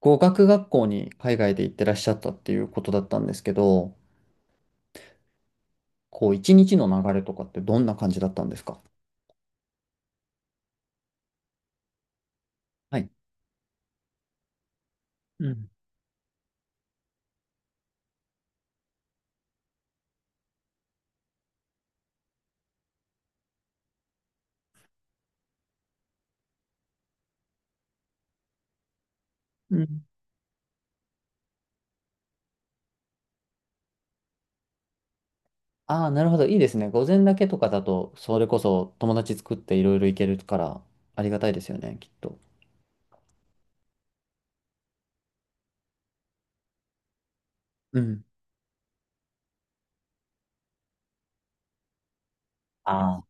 語学学校に海外で行ってらっしゃったっていうことだったんですけど、こう、一日の流れとかってどんな感じだったんですか？はい。うん。うん。ああ、なるほど。いいですね。午前だけとかだと、それこそ友達作っていろいろ行けるから、ありがたいですよね、きっと。うん。あ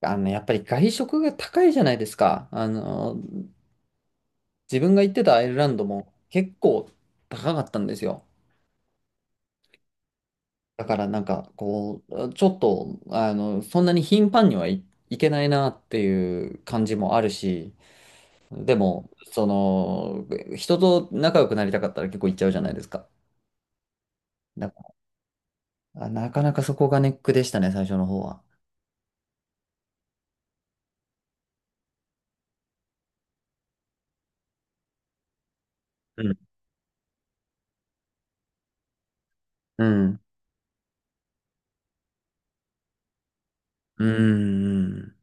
あ。あの、やっぱり外食が高いじゃないですか。あの、自分が行ってたアイルランドも結構高かったんですよ。だからなんかこう、ちょっと、あの、そんなに頻繁にはい、いけないなっていう感じもあるし、でも、その、人と仲良くなりたかったら結構行っちゃうじゃないですか。だから、なかなかそこがネックでしたね、最初の方は。うん。うん。うん。うん。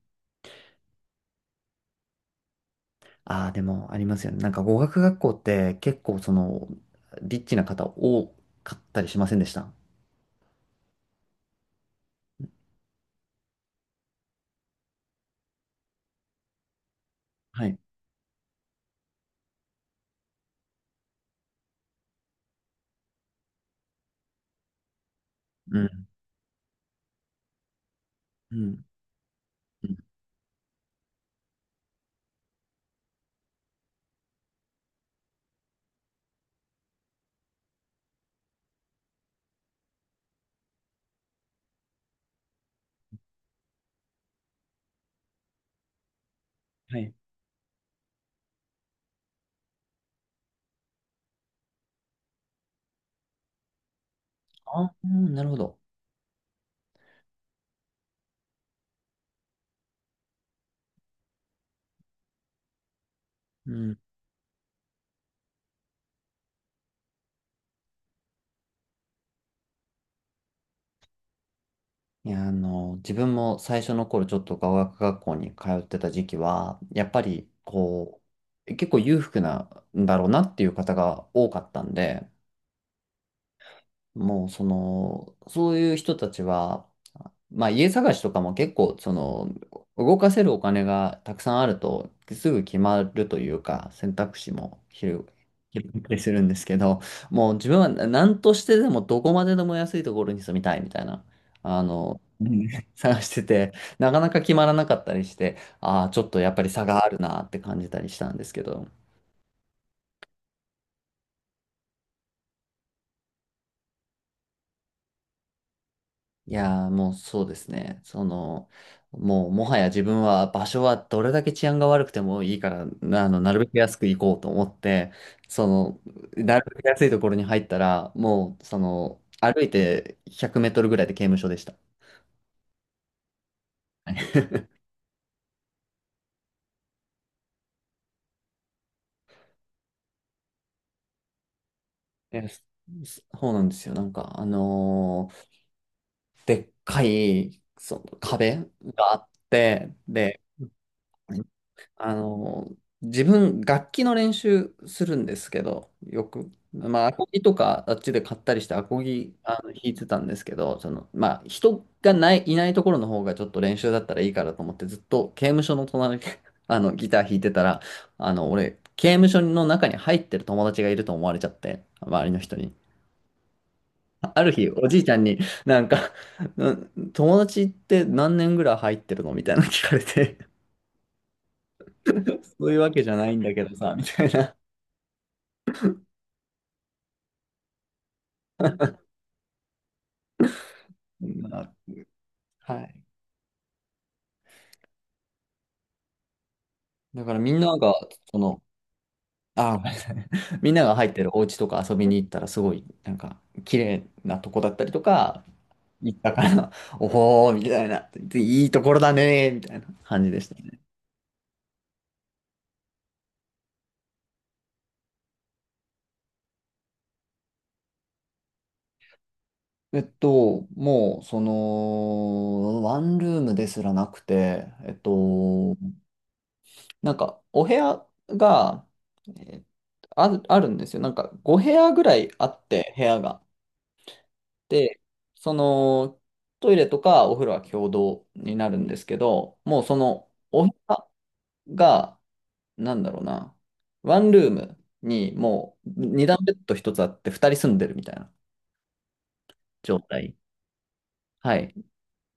ああ、でもありますよね。なんか語学学校って結構その、リッチな方多かったりしませんでした？はい。うん。うん。うん。はい。ああ、なるほど。うん。いや、あの、自分も最初の頃ちょっと語学学校に通ってた時期は、やっぱりこう、結構裕福なんだろうなっていう方が多かったんで、もうその、そういう人たちはまあ家探しとかも結構、その、動かせるお金がたくさんあると、すぐ決まるというか、選択肢も広がったりするんですけど、もう自分は何としてでもどこまででも安いところに住みたいみたいな、あの、うん、探してて、なかなか決まらなかったりして、ああ、ちょっとやっぱり差があるなって感じたりしたんですけど。いやー、もうそうですね。その、もうもはや自分は場所はどれだけ治安が悪くてもいいから、なあの、なるべく安く行こうと思って、その、なるべく安いところに入ったら、もう、その、歩いて100メートルぐらいで刑務所でした。いや、そうなんですよ。なんか、でっかい、その壁があって、で、あの、自分、楽器の練習するんですけど、よく。まあ、アコギとか、あっちで買ったりして、アコギ、あの、弾いてたんですけど、その、まあ、人がない、いないところの方がちょっと練習だったらいいからと思って、ずっと刑務所の隣で あの、ギター弾いてたら、あの、俺、刑務所の中に入ってる友達がいると思われちゃって、周りの人に。ある日、おじいちゃんになんか、うん友達って何年ぐらい入ってるのみたいなの聞かれて、そういうわけじゃないんだけどさ、みたいな。うん。はい。だからみんなが、その、ごめんなさい。みんなが入ってるお家とか遊びに行ったら、すごい、なんか、綺麗なとこだったりとか、行ったから、おほー、みたいな、いいところだねー、みたいな感じでしたね。もう、その、ワンルームですらなくて、なんか、お部屋が、えーあるんですよ。なんか、5部屋ぐらいあって、部屋が。で、そのトイレとかお風呂は共同になるんですけど、もうそのお部屋が、なんだろうな、ワンルームにもう二段ベッド一つあって二人住んでるみたいな状態。はい。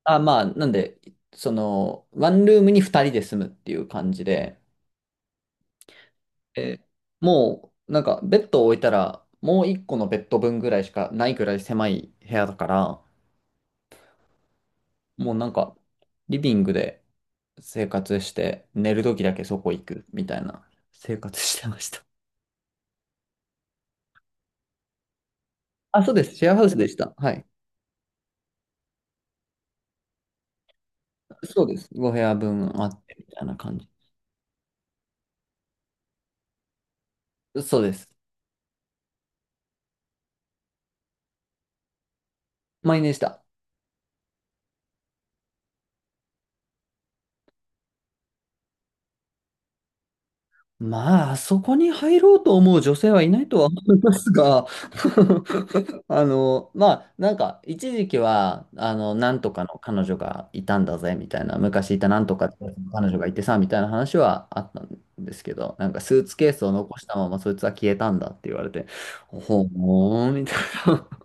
あ、まあ、なんで、その、ワンルームに二人で住むっていう感じで、えーもう、なんかベッドを置いたら、もう一個のベッド分ぐらいしかないぐらい狭い部屋だから、もうなんか、リビングで生活して、寝る時だけそこ行くみたいな生活してました。あ、そうです。シェアハウスでした。はい。そうです。ご部屋分あってみたいな感じ。そうです。満員でした。まあ、あそこに入ろうと思う女性はいないとは思いますが、あの、まあ、なんか、一時期は、あの、なんとかの彼女がいたんだぜ、みたいな、昔いたなんとかって彼女がいてさ、みたいな話はあったんですけど、なんか、スーツケースを残したまま、そいつは消えたんだって言われて、ほーん、みたいな。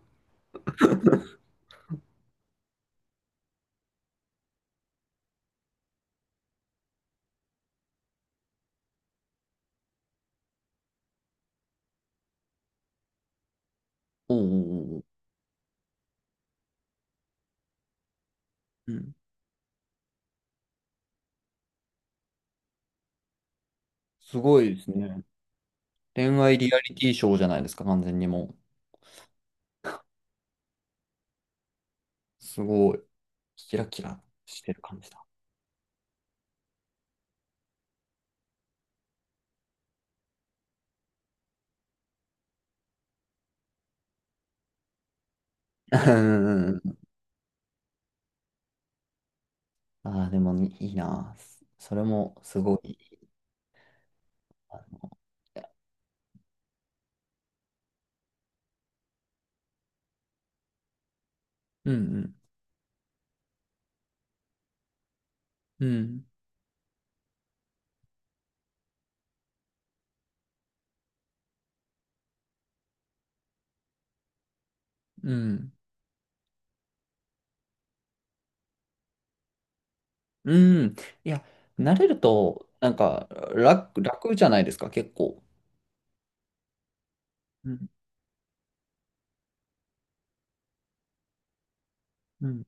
おーおーおー、うん。すごいですね。恋愛リアリティショーじゃないですか、完全にもう。すごい。キラキラしてる感じだ。うんうんうん、ああ、でもいいな。それもすごい。うんうん。うん。うん。うん。いや、慣れると、なんか楽じゃないですか、結構。うん。うん。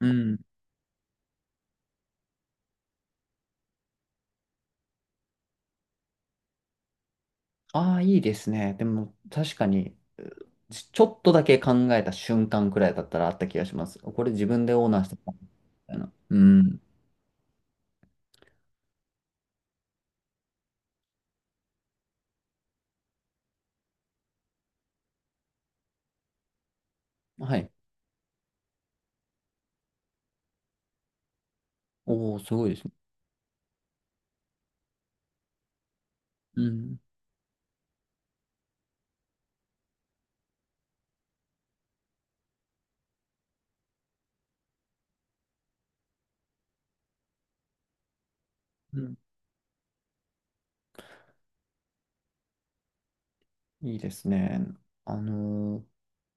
うん。ああ、いいですね。でも、確かに、ちょっとだけ考えた瞬間くらいだったらあった気がします。これ自分でオーナーしてたみたいな。うん。はい。おお、すごいですね。うん。うん。いいですね。あのー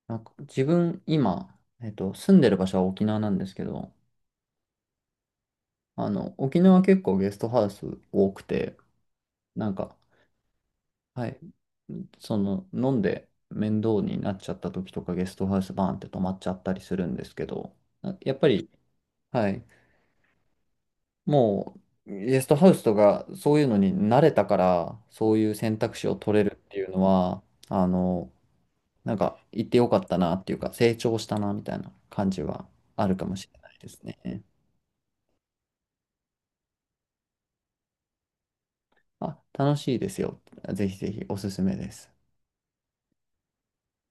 なんか自分、今、住んでる場所は沖縄なんですけど、あの、沖縄結構ゲストハウス多くて、なんか、はい、その、飲んで面倒になっちゃった時とかゲストハウスバーンって泊まっちゃったりするんですけど、やっぱり、はい、もう、ゲストハウスとかそういうのに慣れたから、そういう選択肢を取れるっていうのは、あの、なんか、行ってよかったなっていうか、成長したなみたいな感じはあるかもしれないですね。あ、楽しいですよ。ぜひぜひおすすめです。